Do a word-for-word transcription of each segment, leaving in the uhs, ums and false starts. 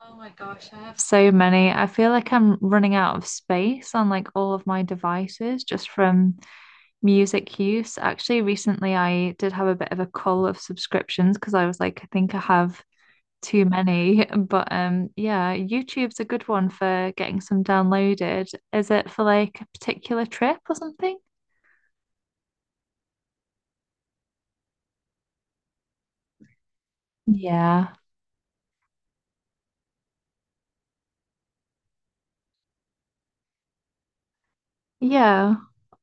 Oh my gosh, I have so many. I feel like I'm running out of space on like all of my devices just from music use. Actually, recently I did have a bit of a cull of subscriptions because I was like, I think I have too many. But um yeah, YouTube's a good one for getting some downloaded. Is it for like a particular trip or something? Yeah. Yeah.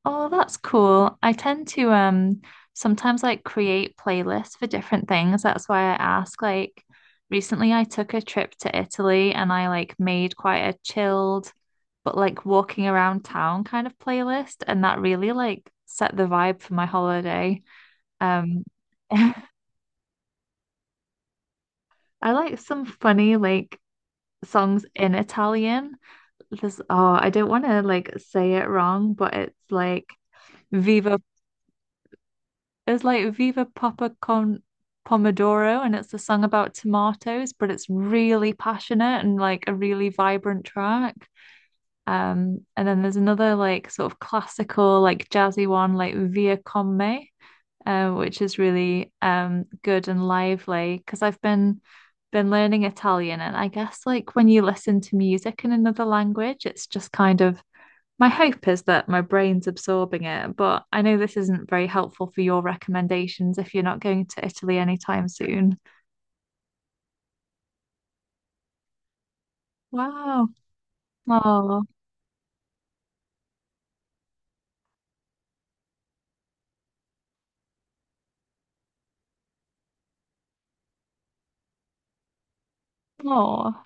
Oh, that's cool. I tend to um sometimes like create playlists for different things. That's why I ask. Like recently I took a trip to Italy and I like made quite a chilled but like walking around town kind of playlist and that really like set the vibe for my holiday. Um I like some funny like songs in Italian. This oh, I don't want to like say it wrong, but it's like Viva It's like Viva Papa Con Pomodoro, and it's a song about tomatoes, but it's really passionate and like a really vibrant track. Um, and then there's another like sort of classical, like jazzy one, like Via Con Me, uh, which is really um good and lively because I've been been learning Italian, and I guess like when you listen to music in another language, it's just kind of my hope is that my brain's absorbing it, but I know this isn't very helpful for your recommendations if you're not going to Italy anytime soon. Wow. Oh, oh.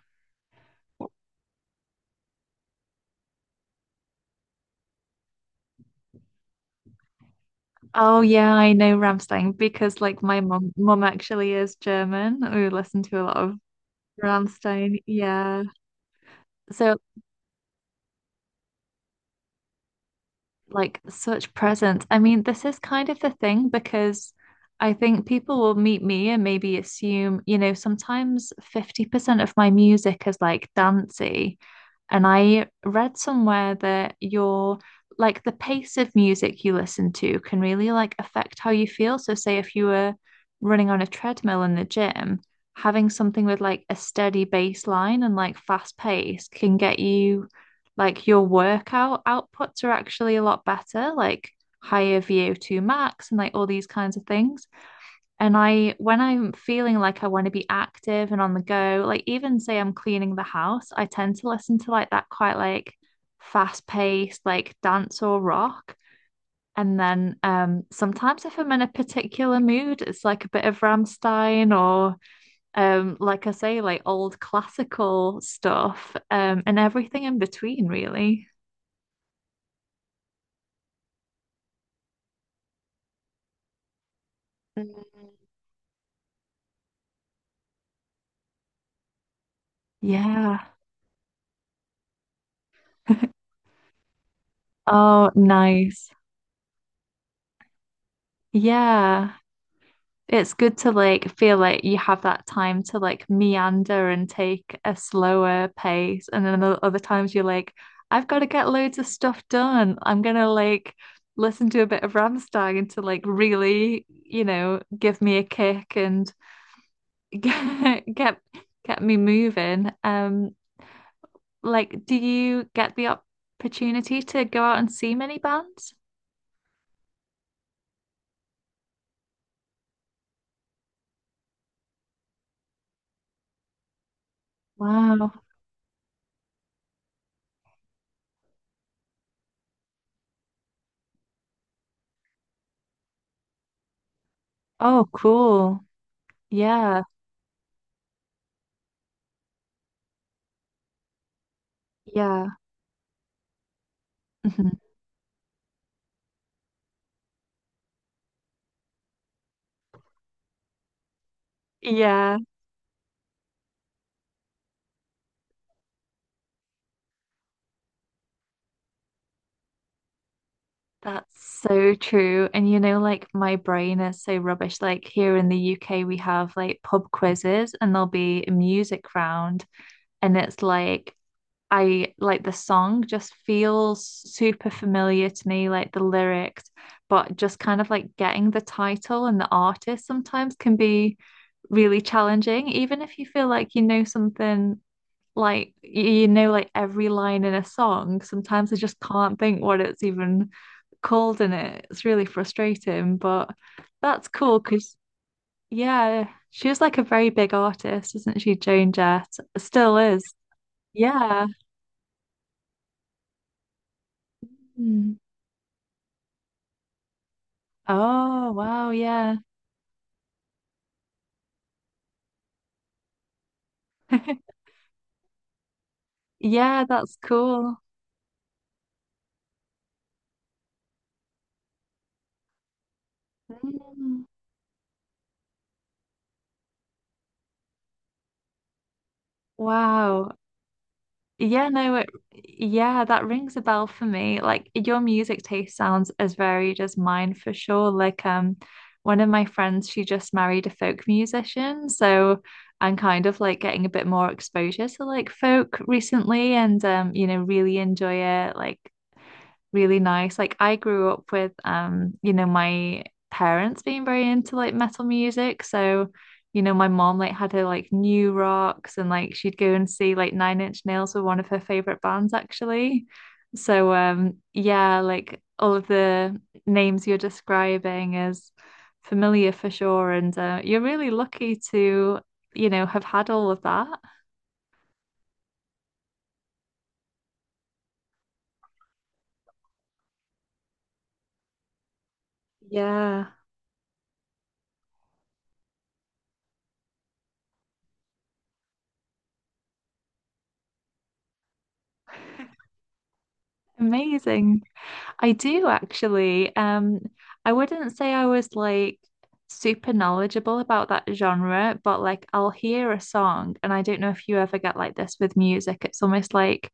Oh yeah, I know Rammstein because like my mum mum actually is German. We listen to a lot of Rammstein. Yeah. So like such presence. I mean, this is kind of the thing because I think people will meet me and maybe assume, you know, sometimes fifty percent of my music is like dancey. And I read somewhere that your like the pace of music you listen to can really like affect how you feel. So say if you were running on a treadmill in the gym, having something with like a steady baseline and like fast pace can get you like your workout outputs are actually a lot better, like higher V O two max and like all these kinds of things. And I, when I'm feeling like I want to be active and on the go, like even say I'm cleaning the house, I tend to listen to like that quite like fast paced, like dance or rock. And then um, sometimes if I'm in a particular mood, it's like a bit of Rammstein or um, like I say, like old classical stuff um, and everything in between, really. Mm. Yeah. Oh, nice. Yeah. It's good to like feel like you have that time to like meander and take a slower pace. And then other times you're like, I've got to get loads of stuff done. I'm gonna like listen to a bit of Rammstein to like really, you know, give me a kick and get get, get me moving. Um, like, do you get the opportunity to go out and see many bands? Wow. Oh, cool. Yeah. Yeah. Mhm. Yeah. That's so true. And you know, like my brain is so rubbish. Like here in the U K, we have like pub quizzes and there'll be a music round. And it's like, I like the song just feels super familiar to me, like the lyrics, but just kind of like getting the title and the artist sometimes can be really challenging, even if you feel like you know something like you know like every line in a song sometimes I just can't think what it's even called in it, it's really frustrating but that's cool because yeah she was like a very big artist, isn't she? Joan Jett still is, yeah. Mm. Oh wow, yeah. Yeah, that's cool. Mm. Wow. Yeah, no, it, yeah, that rings a bell for me. Like your music taste sounds as varied as mine for sure. Like um one of my friends, she just married a folk musician, so I'm kind of like getting a bit more exposure to like folk recently and um, you know, really enjoy it. Like really nice. Like I grew up with um, you know, my parents being very into like metal music. So, you know, my mom like had her like new rocks and like she'd go and see like Nine Inch Nails were one of her favorite bands actually. So um yeah, like all of the names you're describing is familiar for sure. And uh, you're really lucky to, you know, have had all of that. Yeah. Amazing. I do actually. Um, I wouldn't say I was like super knowledgeable about that genre, but like I'll hear a song, and I don't know if you ever get like this with music. It's almost like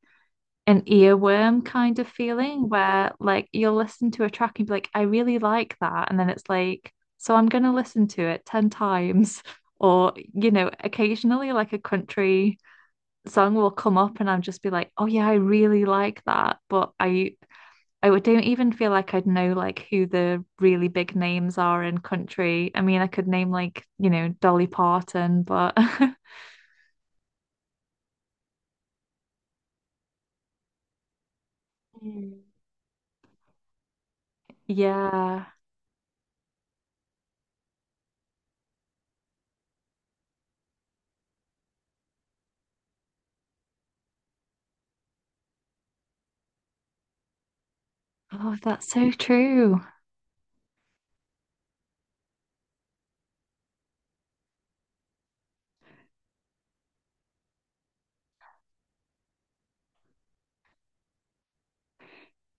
an earworm kind of feeling where like you'll listen to a track and be like, I really like that. And then it's like, so I'm gonna listen to it ten times. Or, you know, occasionally like a country song will come up and I'll just be like, oh yeah, I really like that. But I I would- don't even feel like I'd know like who the really big names are in country. I mean, I could name like, you know, Dolly Parton, but Mm. Yeah. Oh, that's so true.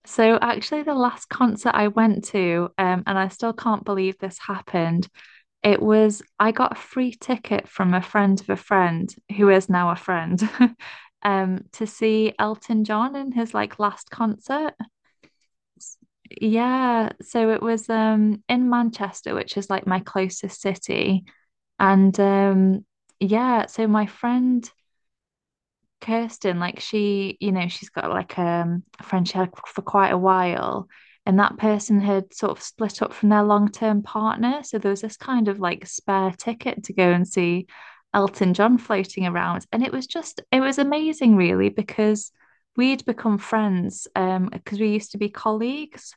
So actually the last concert I went to, um, and I still can't believe this happened, it was I got a free ticket from a friend of a friend who is now a friend, um, to see Elton John in his like last concert. Yeah, so it was um in Manchester, which is like my closest city. And um yeah, so my friend Kirsten, like she, you know, she's got like um a friend she had for quite a while, and that person had sort of split up from their long-term partner. So there was this kind of like spare ticket to go and see Elton John floating around. And it was just it was amazing really because we'd become friends um because we used to be colleagues.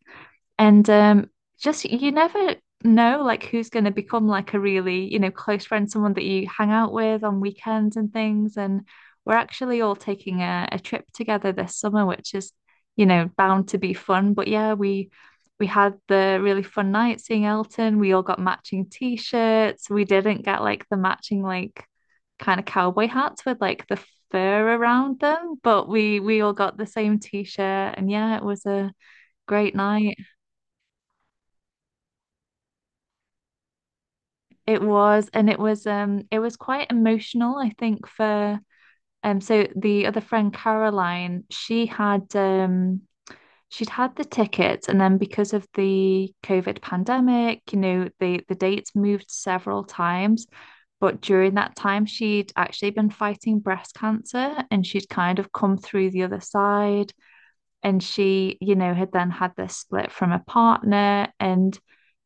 And um, just you never know like who's going to become like a really, you know, close friend, someone that you hang out with on weekends and things. And we're actually all taking a, a trip together this summer, which is, you know, bound to be fun. But yeah, we we had the really fun night seeing Elton. We all got matching t-shirts. We didn't get like the matching like kind of cowboy hats with like the fur around them, but we we all got the same t-shirt. And yeah, it was a great night. It was, and it was um it was quite emotional, I think, for um so the other friend Caroline, she had um she'd had the tickets and then because of the COVID pandemic, you know, the the dates moved several times. But during that time, she'd actually been fighting breast cancer and she'd kind of come through the other side and she you know had then had this split from a partner and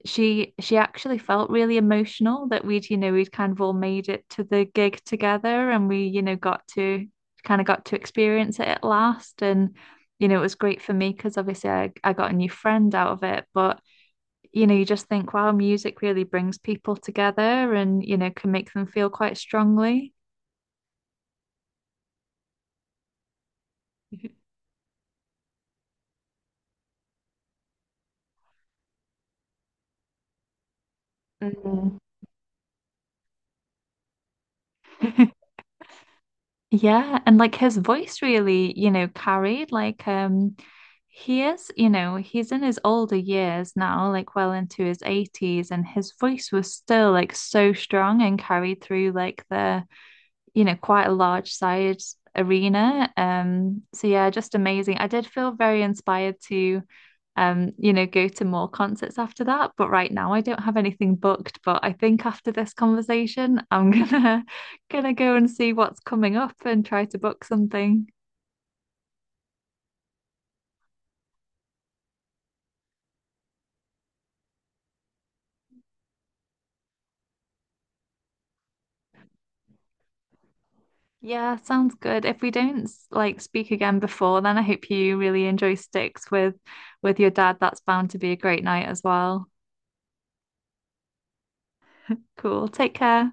she she actually felt really emotional that we'd you know we'd kind of all made it to the gig together and we you know got to kind of got to experience it at last and you know it was great for me because obviously I, I got a new friend out of it but you know you just think wow, music really brings people together and you know can make them feel quite strongly. Mm. Yeah, and like his voice really, you know, carried like um he is, you know, he's in his older years now, like well into his eighties, and his voice was still like so strong and carried through like the, you know, quite a large sized arena. Um, so yeah, just amazing. I did feel very inspired to um, you know, go to more concerts after that. But right now I don't have anything booked. But I think after this conversation, I'm gonna gonna go and see what's coming up and try to book something. Yeah, sounds good. If we don't like speak again before, then I hope you really enjoy Sticks with with your dad. That's bound to be a great night as well. Cool. Take care.